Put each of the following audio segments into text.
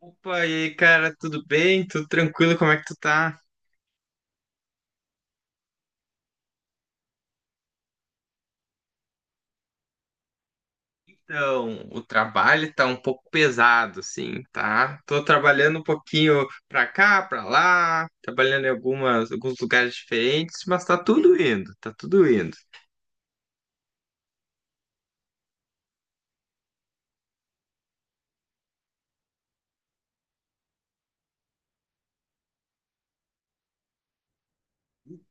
Opa, e aí, cara, tudo bem? Tudo tranquilo? Como é que tu tá? Então, o trabalho tá um pouco pesado, assim, tá? Tô trabalhando um pouquinho pra cá, pra lá, trabalhando em alguns lugares diferentes, mas tá tudo indo, tá tudo indo.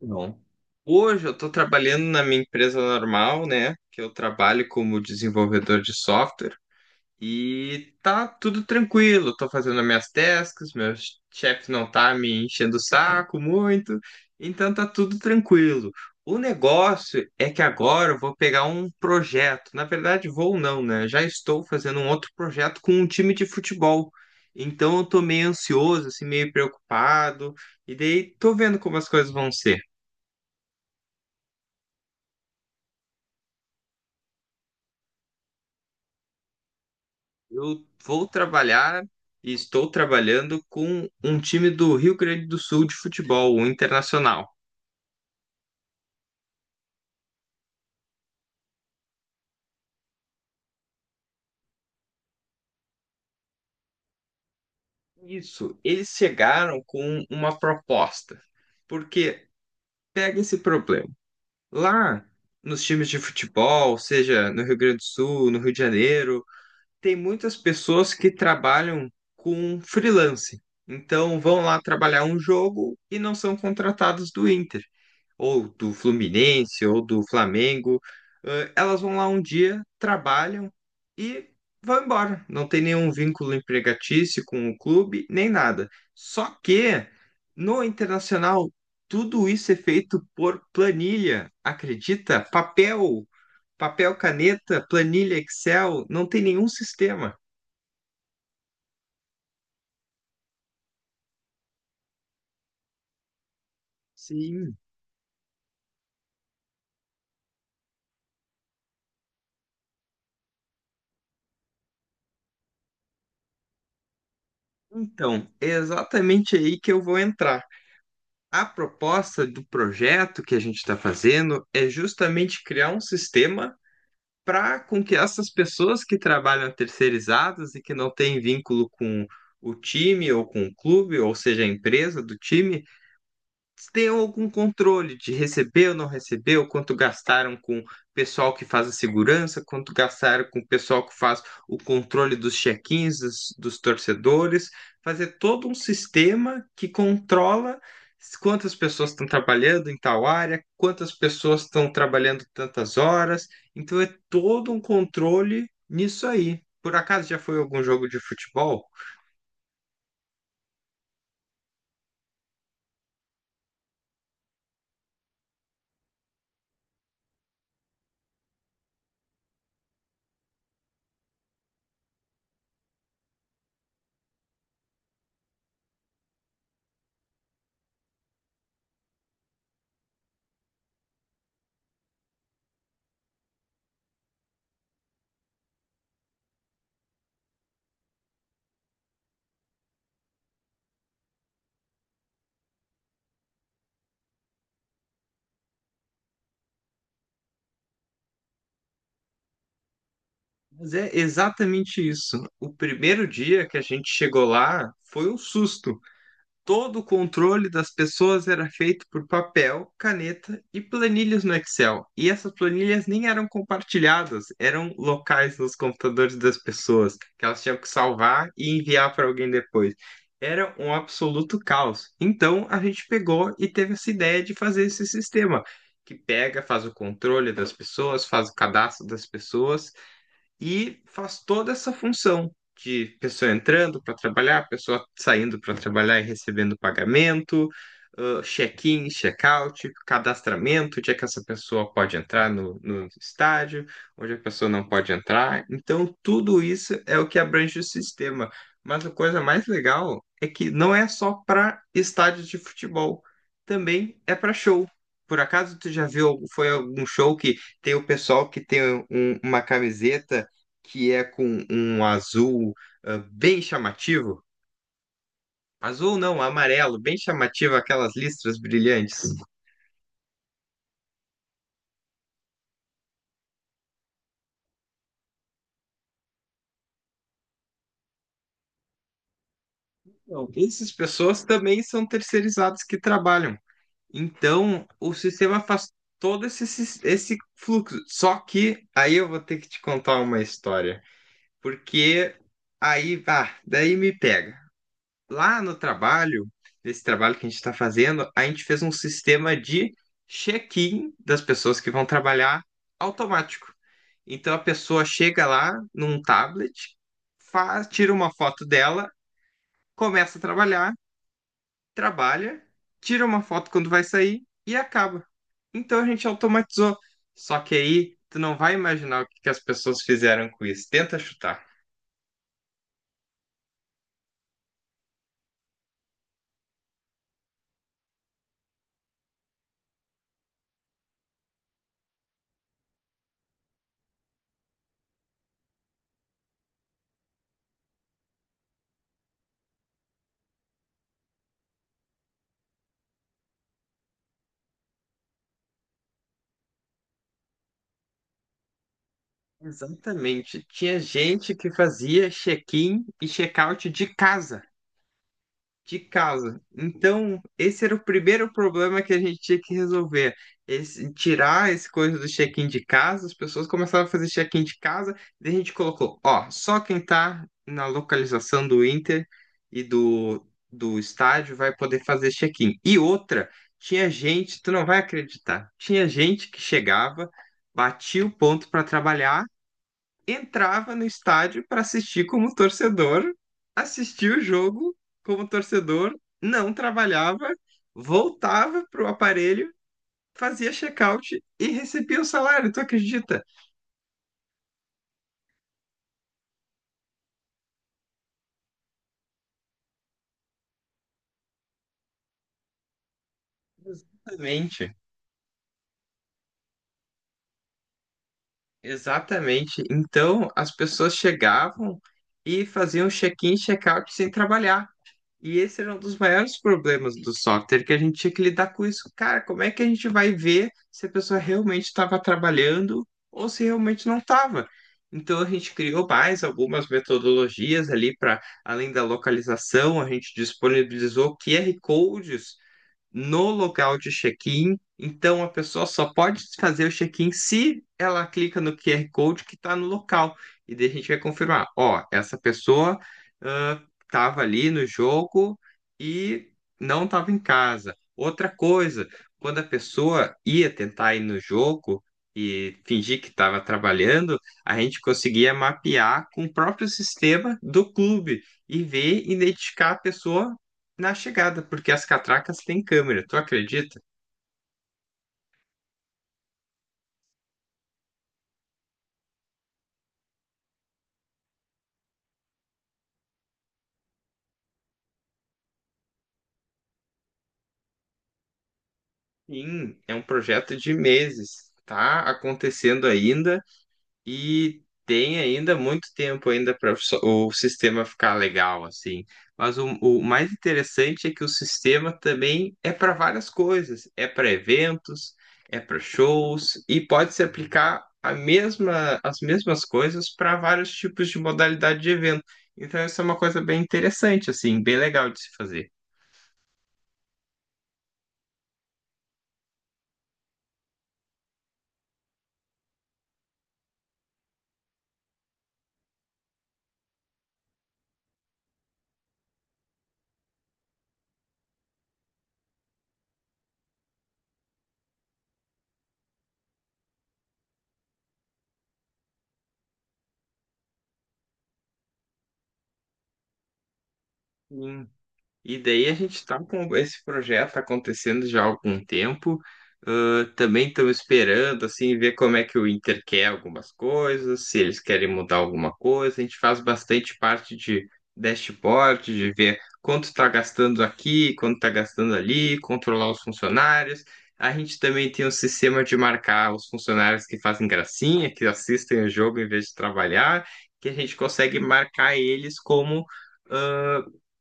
Bom, hoje eu tô trabalhando na minha empresa normal, né? Que eu trabalho como desenvolvedor de software. E tá tudo tranquilo, tô fazendo as minhas tasks, meu chefe não tá me enchendo o saco muito, então tá tudo tranquilo. O negócio é que agora eu vou pegar um projeto, na verdade vou não, né? Já estou fazendo um outro projeto com um time de futebol. Então eu tô meio ansioso, assim, meio preocupado, e daí tô vendo como as coisas vão ser. Eu vou trabalhar e estou trabalhando com um time do Rio Grande do Sul de futebol, o Internacional. Isso, eles chegaram com uma proposta, porque pega esse problema. Lá nos times de futebol, seja no Rio Grande do Sul, no Rio de Janeiro, tem muitas pessoas que trabalham com freelance. Então vão lá trabalhar um jogo e não são contratados do Inter ou do Fluminense, ou do Flamengo, elas vão lá um dia, trabalham e vão embora. Não tem nenhum vínculo empregatício com o clube, nem nada. Só que no Internacional, tudo isso é feito por planilha, acredita? Papel, caneta, planilha Excel, não tem nenhum sistema. Sim. Então, é exatamente aí que eu vou entrar. A proposta do projeto que a gente está fazendo é justamente criar um sistema para com que essas pessoas que trabalham terceirizadas e que não têm vínculo com o time ou com o clube, ou seja, a empresa do time, tenham algum controle de receber ou não receber, recebeu, quanto gastaram com o pessoal que faz a segurança, quanto gastaram com o pessoal que faz o controle dos check-ins, dos torcedores, fazer todo um sistema que controla quantas pessoas estão trabalhando em tal área, quantas pessoas estão trabalhando tantas horas. Então é todo um controle nisso aí. Por acaso já foi algum jogo de futebol? Mas é exatamente isso. O primeiro dia que a gente chegou lá foi um susto. Todo o controle das pessoas era feito por papel, caneta e planilhas no Excel. E essas planilhas nem eram compartilhadas, eram locais nos computadores das pessoas, que elas tinham que salvar e enviar para alguém depois. Era um absoluto caos. Então a gente pegou e teve essa ideia de fazer esse sistema que pega, faz o controle das pessoas, faz o cadastro das pessoas e faz toda essa função de pessoa entrando para trabalhar, pessoa saindo para trabalhar e recebendo pagamento, ah, check-in, check-out, cadastramento, onde é que essa pessoa pode entrar no estádio, onde a pessoa não pode entrar. Então, tudo isso é o que abrange o sistema. Mas a coisa mais legal é que não é só para estádios de futebol, também é para show. Por acaso tu já viu, foi algum show que tem o pessoal que tem uma camiseta que é com um azul ah, bem chamativo. Azul não, amarelo, bem chamativo, aquelas listras brilhantes. Então, essas pessoas também são terceirizadas que trabalham. Então, o sistema faz todo esse, esse fluxo. Só que aí eu vou ter que te contar uma história, porque aí, ah, daí me pega. Lá no trabalho, nesse trabalho que a gente está fazendo, a gente fez um sistema de check-in das pessoas que vão trabalhar automático. Então a pessoa chega lá num tablet, faz, tira uma foto dela, começa a trabalhar, trabalha, tira uma foto quando vai sair e acaba. Então a gente automatizou. Só que aí tu não vai imaginar o que que as pessoas fizeram com isso. Tenta chutar. Exatamente. Tinha gente que fazia check-in e check-out de casa, de casa. Então, esse era o primeiro problema que a gente tinha que resolver. Esse- tirar esse coisa do check-in de casa, as pessoas começaram a fazer check-in de casa, daí a gente colocou, ó, só quem tá na localização do Inter e do estádio vai poder fazer check-in. E outra, tinha gente, tu não vai acreditar, tinha gente que chegava, batia o ponto para trabalhar, entrava no estádio para assistir como torcedor, assistia o jogo como torcedor, não trabalhava, voltava pro aparelho, fazia check-out e recebia o salário, tu acredita? Exatamente, exatamente. Então as pessoas chegavam e faziam check-in, e check-out sem trabalhar. E esse era um dos maiores problemas do software, que a gente tinha que lidar com isso. Cara, como é que a gente vai ver se a pessoa realmente estava trabalhando ou se realmente não estava? Então a gente criou mais algumas metodologias ali para além da localização, a gente disponibilizou QR codes no local de check-in. Então, a pessoa só pode fazer o check-in se ela clica no QR Code que está no local. E daí a gente vai confirmar: ó, essa pessoa estava ali no jogo e não estava em casa. Outra coisa, quando a pessoa ia tentar ir no jogo e fingir que estava trabalhando, a gente conseguia mapear com o próprio sistema do clube e ver, identificar a pessoa na chegada, porque as catracas têm câmera, tu acredita? Sim, é um projeto de meses, tá acontecendo ainda e tem ainda muito tempo ainda para o sistema ficar legal assim. Mas o mais interessante é que o sistema também é para várias coisas, é para eventos, é para shows e pode se aplicar a mesma, as mesmas coisas para vários tipos de modalidade de evento. Então, isso é uma coisa bem interessante, assim, bem legal de se fazer. Sim. E daí a gente está com esse projeto acontecendo já há algum tempo. Ah, também estamos esperando assim ver como é que o Inter quer algumas coisas, se eles querem mudar alguma coisa. A gente faz bastante parte de dashboard, de ver quanto está gastando aqui, quanto está gastando ali, controlar os funcionários. A gente também tem um sistema de marcar os funcionários que fazem gracinha, que assistem o jogo em vez de trabalhar, que a gente consegue marcar eles como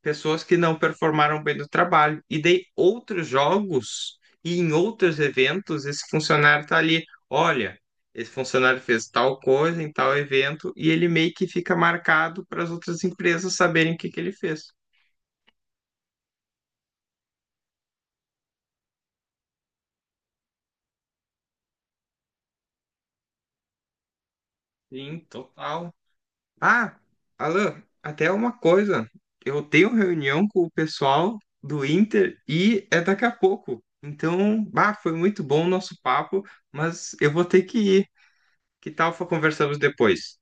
pessoas que não performaram bem no trabalho. E dei outros jogos e em outros eventos, esse funcionário tá ali, olha, esse funcionário fez tal coisa em tal evento e ele meio que fica marcado para as outras empresas saberem o que que ele fez. Sim, total. Ah, Alan, até uma coisa, eu tenho reunião com o pessoal do Inter e é daqui a pouco. Então, bah, foi muito bom o nosso papo, mas eu vou ter que ir. Que tal conversamos depois?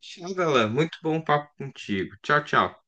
Tchau, Galan. Muito bom papo contigo. Tchau, tchau.